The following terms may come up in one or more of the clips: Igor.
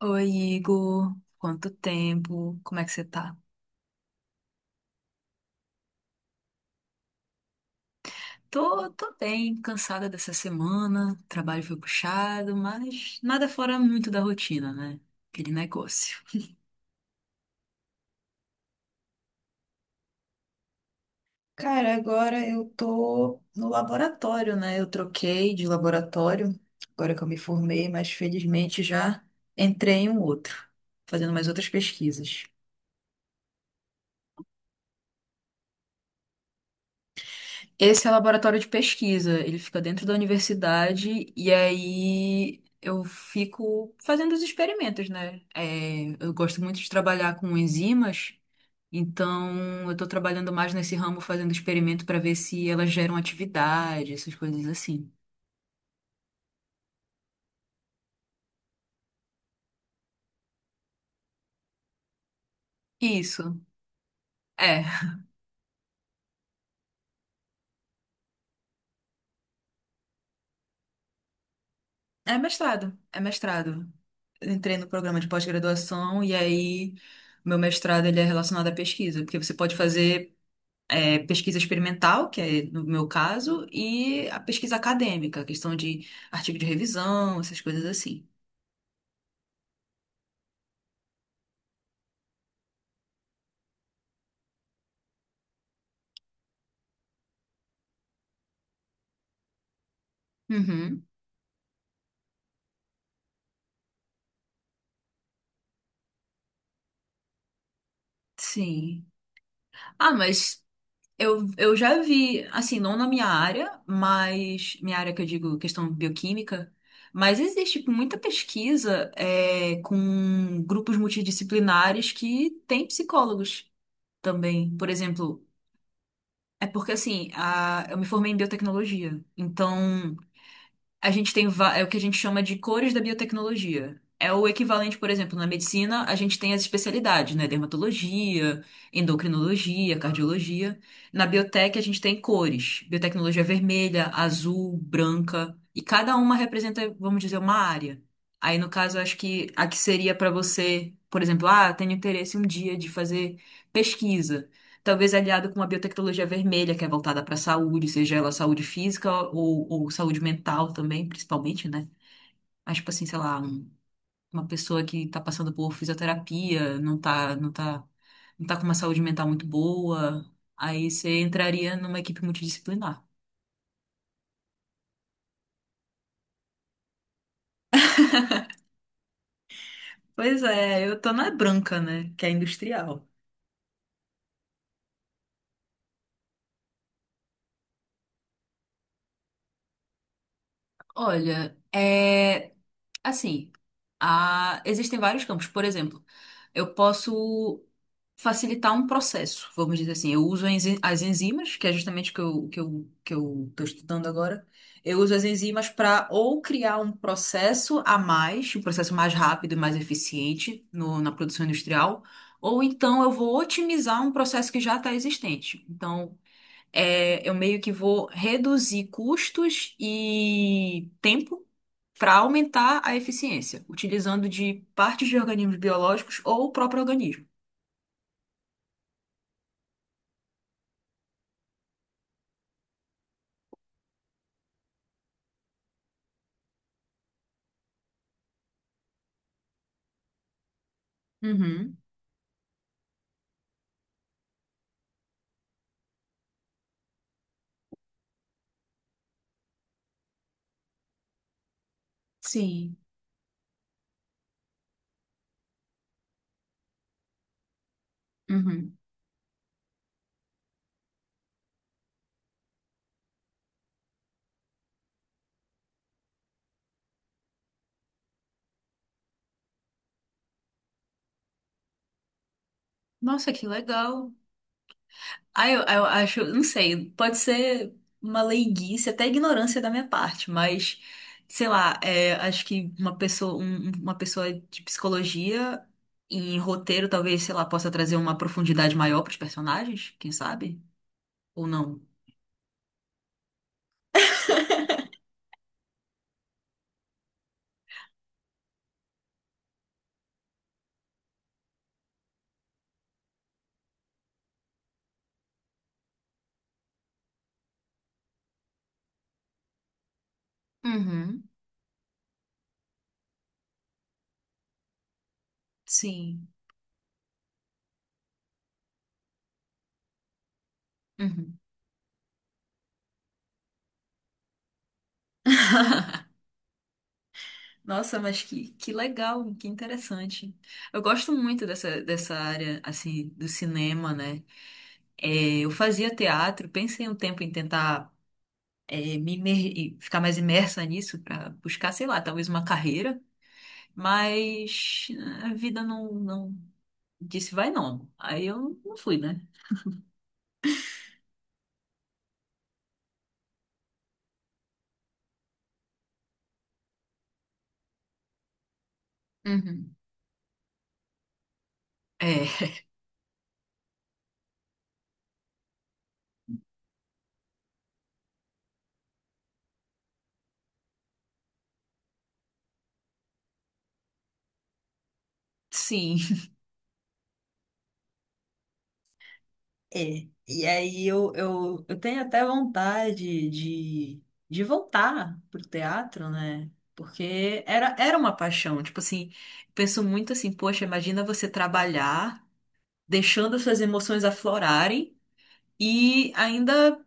Oi, Igor. Quanto tempo? Como é que você tá? Tô bem, cansada dessa semana. O trabalho foi puxado, mas nada fora muito da rotina, né? Aquele negócio. Cara, agora eu tô no laboratório, né? Eu troquei de laboratório, agora que eu me formei, mas felizmente já entrei em um outro, fazendo mais outras pesquisas. Esse é o laboratório de pesquisa, ele fica dentro da universidade e aí eu fico fazendo os experimentos, né? É, eu gosto muito de trabalhar com enzimas, então eu estou trabalhando mais nesse ramo fazendo experimento para ver se elas geram atividade, essas coisas assim. Isso. É. É mestrado, é mestrado. Eu entrei no programa de pós-graduação e aí meu mestrado ele é relacionado à pesquisa, porque você pode fazer pesquisa experimental, que é no meu caso, e a pesquisa acadêmica, a questão de artigo de revisão, essas coisas assim. Uhum, sim. Ah, mas eu já vi, assim, não na minha área, mas minha área que eu digo questão bioquímica, mas existe tipo, muita pesquisa com grupos multidisciplinares que têm psicólogos também. Por exemplo, é porque assim, eu me formei em biotecnologia, então. A gente tem é o que a gente chama de cores da biotecnologia. É o equivalente, por exemplo, na medicina, a gente tem as especialidades, né? Dermatologia, endocrinologia, cardiologia. Na biotec, a gente tem cores. Biotecnologia vermelha, azul, branca. E cada uma representa, vamos dizer, uma área. Aí, no caso, eu acho que a que seria para você, por exemplo, ah, tenho interesse um dia de fazer pesquisa talvez aliado com a biotecnologia vermelha, que é voltada para a saúde, seja ela saúde física ou saúde mental também, principalmente, né? Mas, tipo assim, sei lá, uma pessoa que está passando por fisioterapia, não tá com uma saúde mental muito boa, aí você entraria numa equipe multidisciplinar. Pois é, eu tô na branca, né? Que é industrial. Olha, assim, existem vários campos. Por exemplo, eu posso facilitar um processo, vamos dizer assim. Eu uso as enzimas, que é justamente o que eu estou estudando agora. Eu uso as enzimas para ou criar um processo a mais, um processo mais rápido e mais eficiente na produção industrial, ou então eu vou otimizar um processo que já está existente. Então, eu meio que vou reduzir custos e tempo para aumentar a eficiência, utilizando de partes de organismos biológicos ou o próprio organismo. Uhum, sim. Uhum. Nossa, que legal. Ah, eu acho, não sei, pode ser uma leiguice, até ignorância da minha parte, mas sei lá, acho que uma pessoa, uma pessoa de psicologia em roteiro, talvez, sei lá, possa trazer uma profundidade maior para os personagens, quem sabe? Ou não? Uhum, sim. Uhum. Nossa, mas que legal, que interessante. Eu gosto muito dessa área, assim, do cinema, né? É, eu fazia teatro, pensei um tempo em tentar e ficar mais imersa nisso para buscar, sei lá, talvez uma carreira, mas a vida não disse vai não. Aí eu não fui, né? Uhum. É, sim. É, e aí eu tenho até vontade de voltar pro teatro, né? Porque era uma paixão. Tipo assim, penso muito assim, poxa, imagina você trabalhar, deixando suas emoções aflorarem e ainda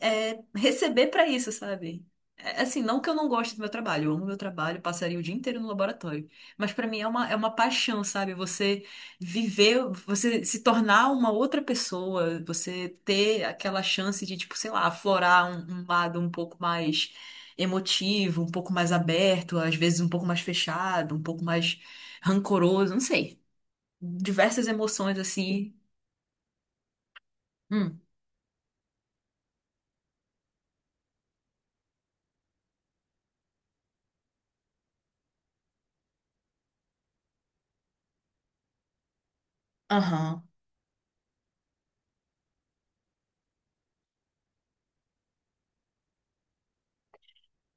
receber pra isso, sabe? É, assim, não que eu não goste do meu trabalho, eu amo meu trabalho, passaria o dia inteiro no laboratório, mas pra mim é uma, paixão, sabe? Você viver, você se tornar uma outra pessoa, você ter aquela chance de, tipo, sei lá, aflorar um lado um pouco mais emotivo, um pouco mais aberto, às vezes um pouco mais fechado, um pouco mais rancoroso, não sei. Diversas emoções assim. Hum. Aham.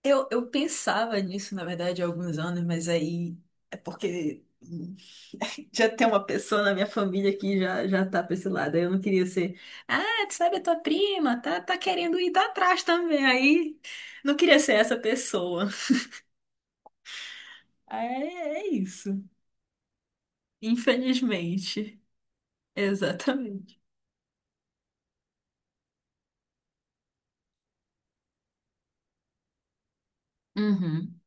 Eu pensava nisso, na verdade, há alguns anos, mas aí é porque já tem uma pessoa na minha família que já tá pra esse lado. Aí eu não queria ser, ah, tu sabe, a tua prima tá querendo ir tá atrás também. Aí não queria ser essa pessoa. É, é isso. Infelizmente. Exatamente. Uhum.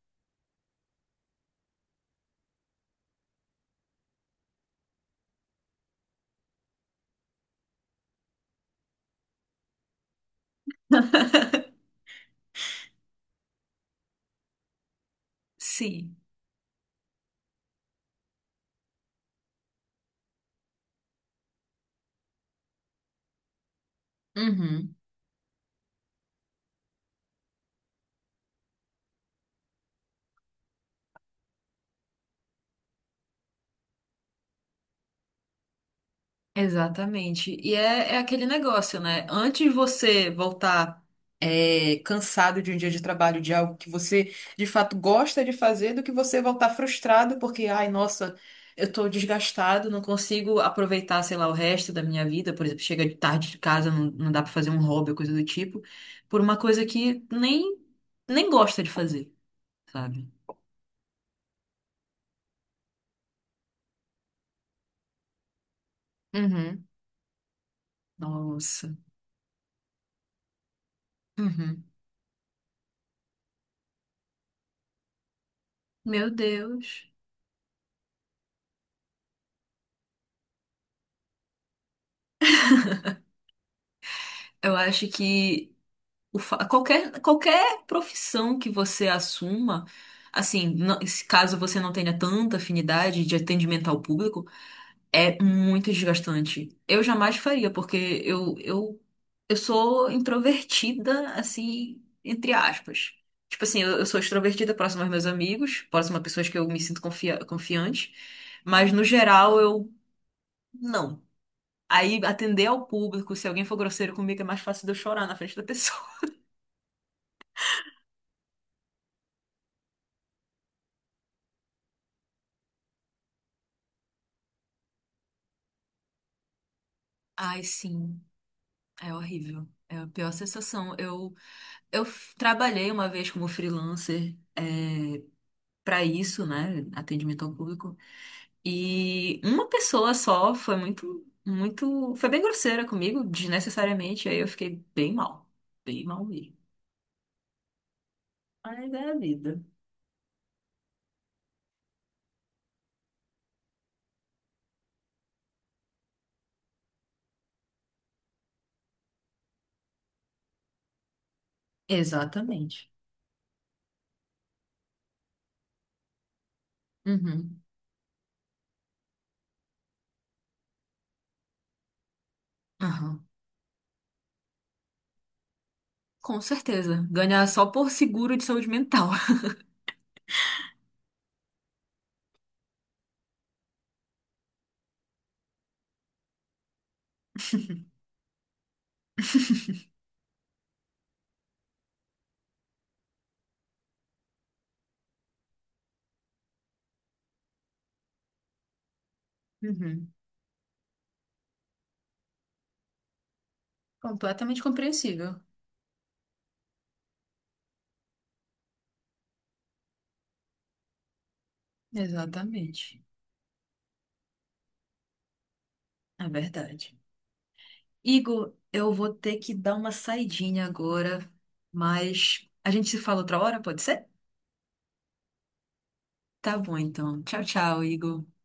Sim. Uhum. Exatamente. E é aquele negócio, né? Antes de você voltar cansado de um dia de trabalho, de algo que você de fato gosta de fazer, do que você voltar frustrado porque, ai, nossa, eu tô desgastado, não consigo aproveitar, sei lá, o resto da minha vida. Por exemplo, chega de tarde de casa, não dá pra fazer um hobby ou coisa do tipo, por uma coisa que nem gosta de fazer, sabe? Uhum. Nossa. Uhum. Meu Deus. Eu acho que. Qualquer profissão que você assuma, assim, se caso você não tenha tanta afinidade de atendimento ao público, é muito desgastante. Eu jamais faria, porque eu sou introvertida, assim, entre aspas. Tipo assim, eu sou extrovertida próxima aos meus amigos, próxima a pessoas que eu me sinto confiante, mas no geral eu não. Aí atender ao público, se alguém for grosseiro comigo, é mais fácil de eu chorar na frente da pessoa. Ai, sim. É horrível. É a pior sensação. Eu trabalhei uma vez como freelancer, para isso, né? Atendimento ao público. E uma pessoa só foi muito, muito. Foi bem grosseira comigo, desnecessariamente. Aí eu fiquei bem mal. Bem mal mesmo. Mas é a vida. Exatamente. Uhum. Aham. Com certeza. Ganhar só por seguro de saúde mental. Uhum. Completamente compreensível. Exatamente. É verdade. Igor, eu vou ter que dar uma saidinha agora, mas a gente se fala outra hora, pode ser? Tá bom, então. Tchau, tchau, Igor.